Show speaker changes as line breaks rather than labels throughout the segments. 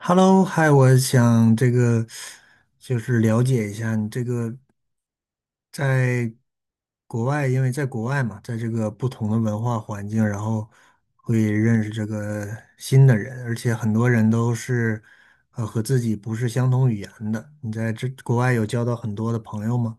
Hello，嗨，我想这个就是了解一下你这个在国外，因为在国外嘛，在这个不同的文化环境，然后会认识这个新的人，而且很多人都是和自己不是相同语言的。你在这国外有交到很多的朋友吗？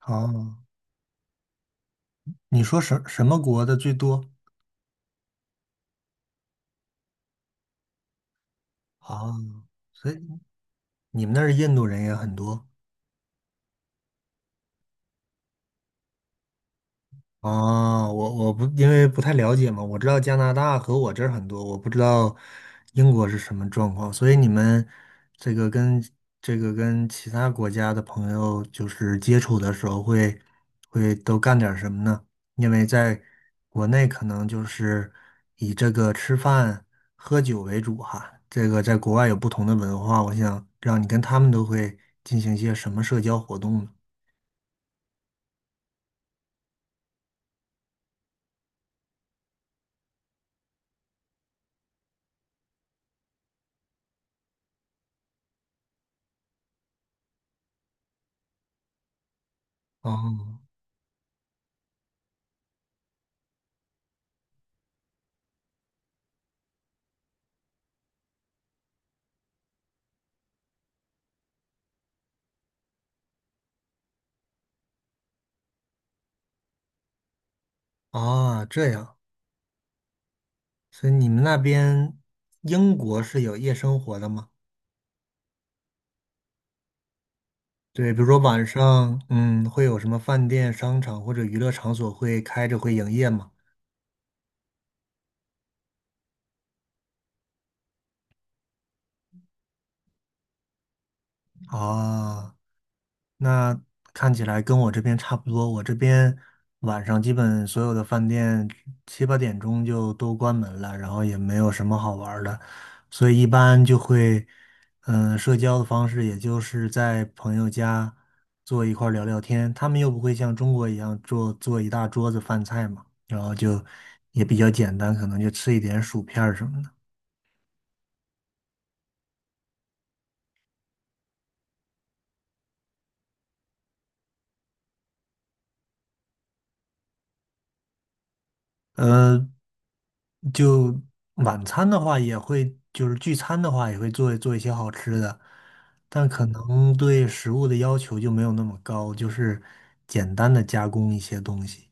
啊，你说什么国的最多？啊？所以你们那儿印度人也很多。哦，我不因为不太了解嘛，我知道加拿大和我这儿很多，我不知道英国是什么状况，所以你们这个跟这个跟其他国家的朋友就是接触的时候会都干点儿什么呢？因为在国内可能就是以这个吃饭喝酒为主哈，这个在国外有不同的文化，我想让你跟他们都会进行一些什么社交活动呢？哦，啊，这样。所以你们那边英国是有夜生活的吗？对，比如说晚上，嗯，会有什么饭店、商场或者娱乐场所会开着会营业吗？啊、那看起来跟我这边差不多，我这边晚上基本所有的饭店七八点钟就都关门了，然后也没有什么好玩儿的，所以一般就会，嗯，社交的方式也就是在朋友家坐一块儿聊聊天，他们又不会像中国一样做做一大桌子饭菜嘛，然后就也比较简单，可能就吃一点薯片儿什么的。呃，就晚餐的话，也会就是聚餐的话，也会做做一些好吃的，但可能对食物的要求就没有那么高，就是简单的加工一些东西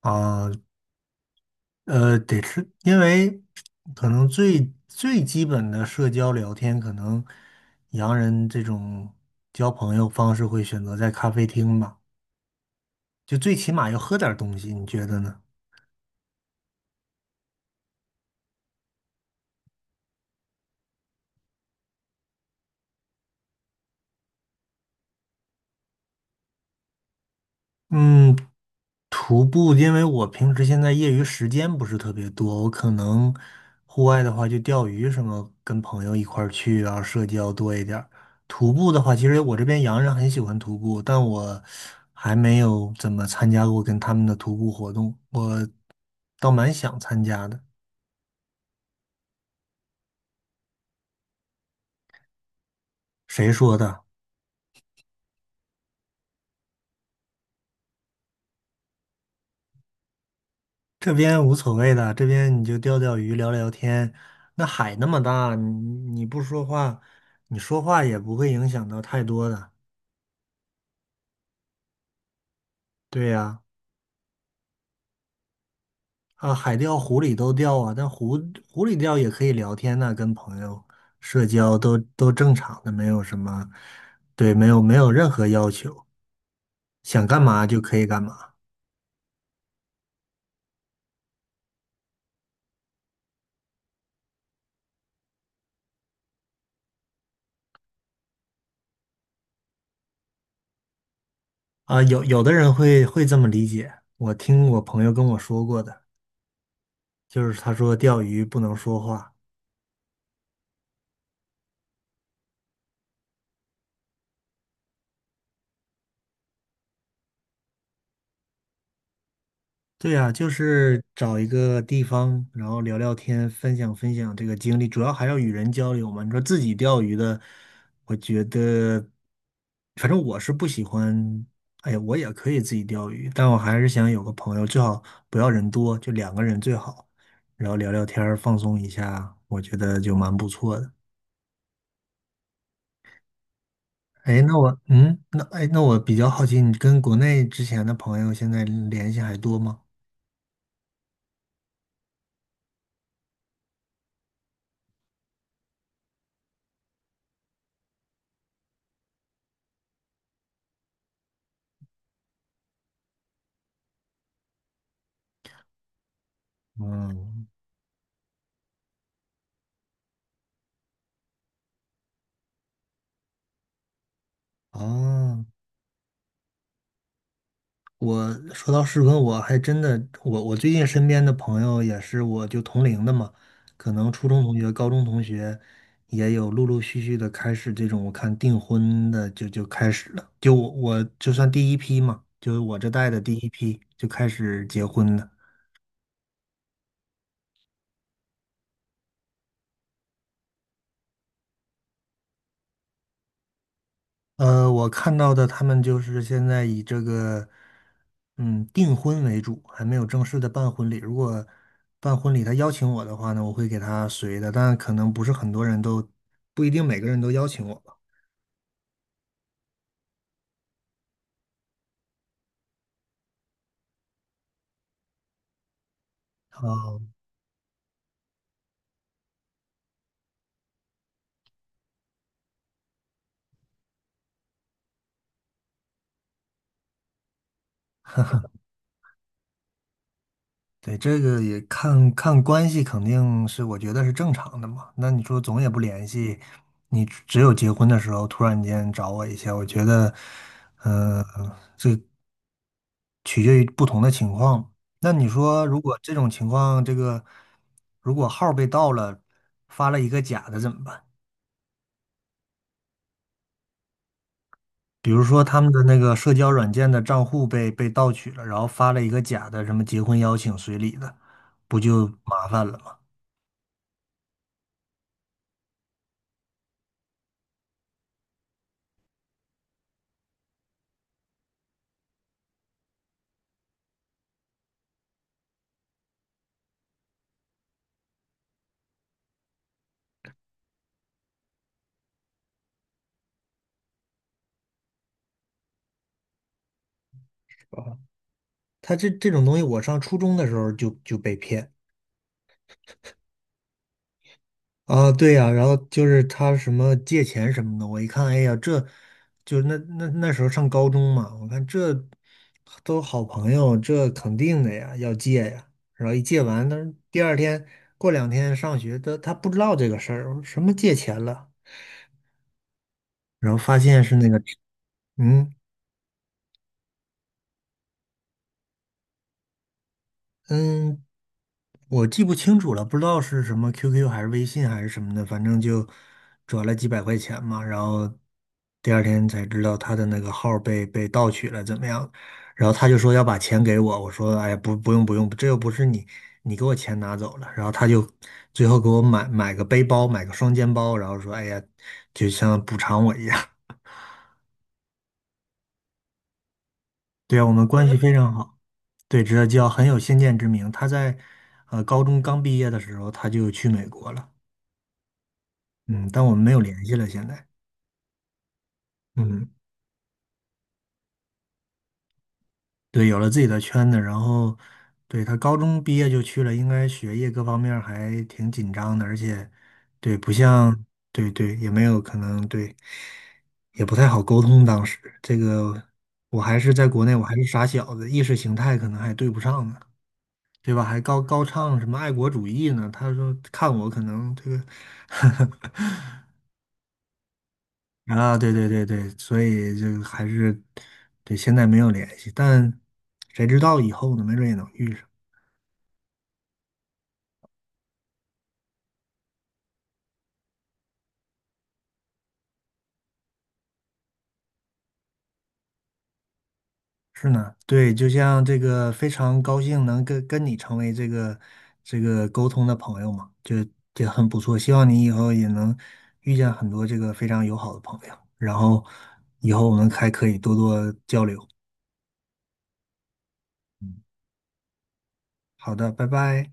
啊，得吃，因为可能最最基本的社交聊天，可能洋人这种交朋友方式会选择在咖啡厅吧，就最起码要喝点儿东西，你觉得呢？嗯，徒步，因为我平时现在业余时间不是特别多，我可能户外的话就钓鱼什么，跟朋友一块儿去啊，社交多一点儿。徒步的话，其实我这边洋人很喜欢徒步，但我还没有怎么参加过跟他们的徒步活动，我倒蛮想参加的。谁说的？这边无所谓的，这边你就钓钓鱼、聊聊天。那海那么大，你不说话，你说话也不会影响到太多的。对呀，啊，海钓、湖里都钓啊，但湖里钓也可以聊天呐、跟朋友社交都正常的，没有什么，对，没有任何要求，想干嘛就可以干嘛啊。有的人会这么理解，我听我朋友跟我说过的，就是他说钓鱼不能说话。对呀，就是找一个地方，然后聊聊天，分享分享这个经历，主要还要与人交流嘛。你说自己钓鱼的，我觉得，反正我是不喜欢。哎呀，我也可以自己钓鱼，但我还是想有个朋友，最好不要人多，就两个人最好，然后聊聊天儿放松一下，我觉得就蛮不错的。哎，那我，嗯，那哎，那我比较好奇，你跟国内之前的朋友现在联系还多吗？嗯，哦。我说到适婚，我还真的，我最近身边的朋友也是，我就同龄的嘛，可能初中同学、高中同学也有陆陆续续的开始这种，我看订婚的就开始了，就我就算第一批嘛，就是我这代的第一批就开始结婚了。呃，我看到的他们就是现在以这个，嗯，订婚为主，还没有正式的办婚礼。如果办婚礼他邀请我的话呢，我会给他随的，但可能不是很多人都，不一定每个人都邀请我吧。哦，对，这个也看看关系，肯定是我觉得是正常的嘛。那你说总也不联系，你只有结婚的时候突然间找我一下，我觉得，嗯。取决于不同的情况。那你说，如果这种情况，这个如果号儿被盗了，发了一个假的怎么办？比如说他们的那个社交软件的账户被盗取了，然后发了一个假的什么结婚邀请随礼的，不就麻烦了吗？他这种东西，我上初中的时候就被骗。啊，对呀，然后就是他什么借钱什么的，我一看，哎呀，这就那时候上高中嘛，我看这都好朋友，这肯定的呀，要借呀。然后一借完，但是第二天过两天上学，他不知道这个事儿，我说什么借钱了，然后发现是那个，嗯嗯，我记不清楚了，不知道是什么 QQ 还是微信还是什么的，反正就转了几百块钱嘛，然后第二天才知道他的那个号儿被盗取了，怎么样？然后他就说要把钱给我，我说哎呀不用不用，这又不是你你给我钱拿走了，然后他就最后给我买个背包，买个双肩包，然后说哎呀就像补偿我一样，对啊，我们关系非常好。对，知道叫很有先见之明。他在高中刚毕业的时候，他就去美国了。嗯，但我们没有联系了。现在，嗯，对，有了自己的圈子，然后，对，他高中毕业就去了，应该学业各方面儿还挺紧张的，而且，对，不像，对，也没有可能，对，也不太好沟通。当时这个，我还是在国内，我还是傻小子，意识形态可能还对不上呢，对吧？还高高唱什么爱国主义呢？他说看我可能这个，啊，对对对对，所以就还是对，现在没有联系，但谁知道以后呢？没准也能遇上。是呢，对，就像这个非常高兴能跟你成为这个这个沟通的朋友嘛，就也很不错。希望你以后也能遇见很多这个非常友好的朋友，然后以后我们还可以多多交流。嗯，好的，拜拜。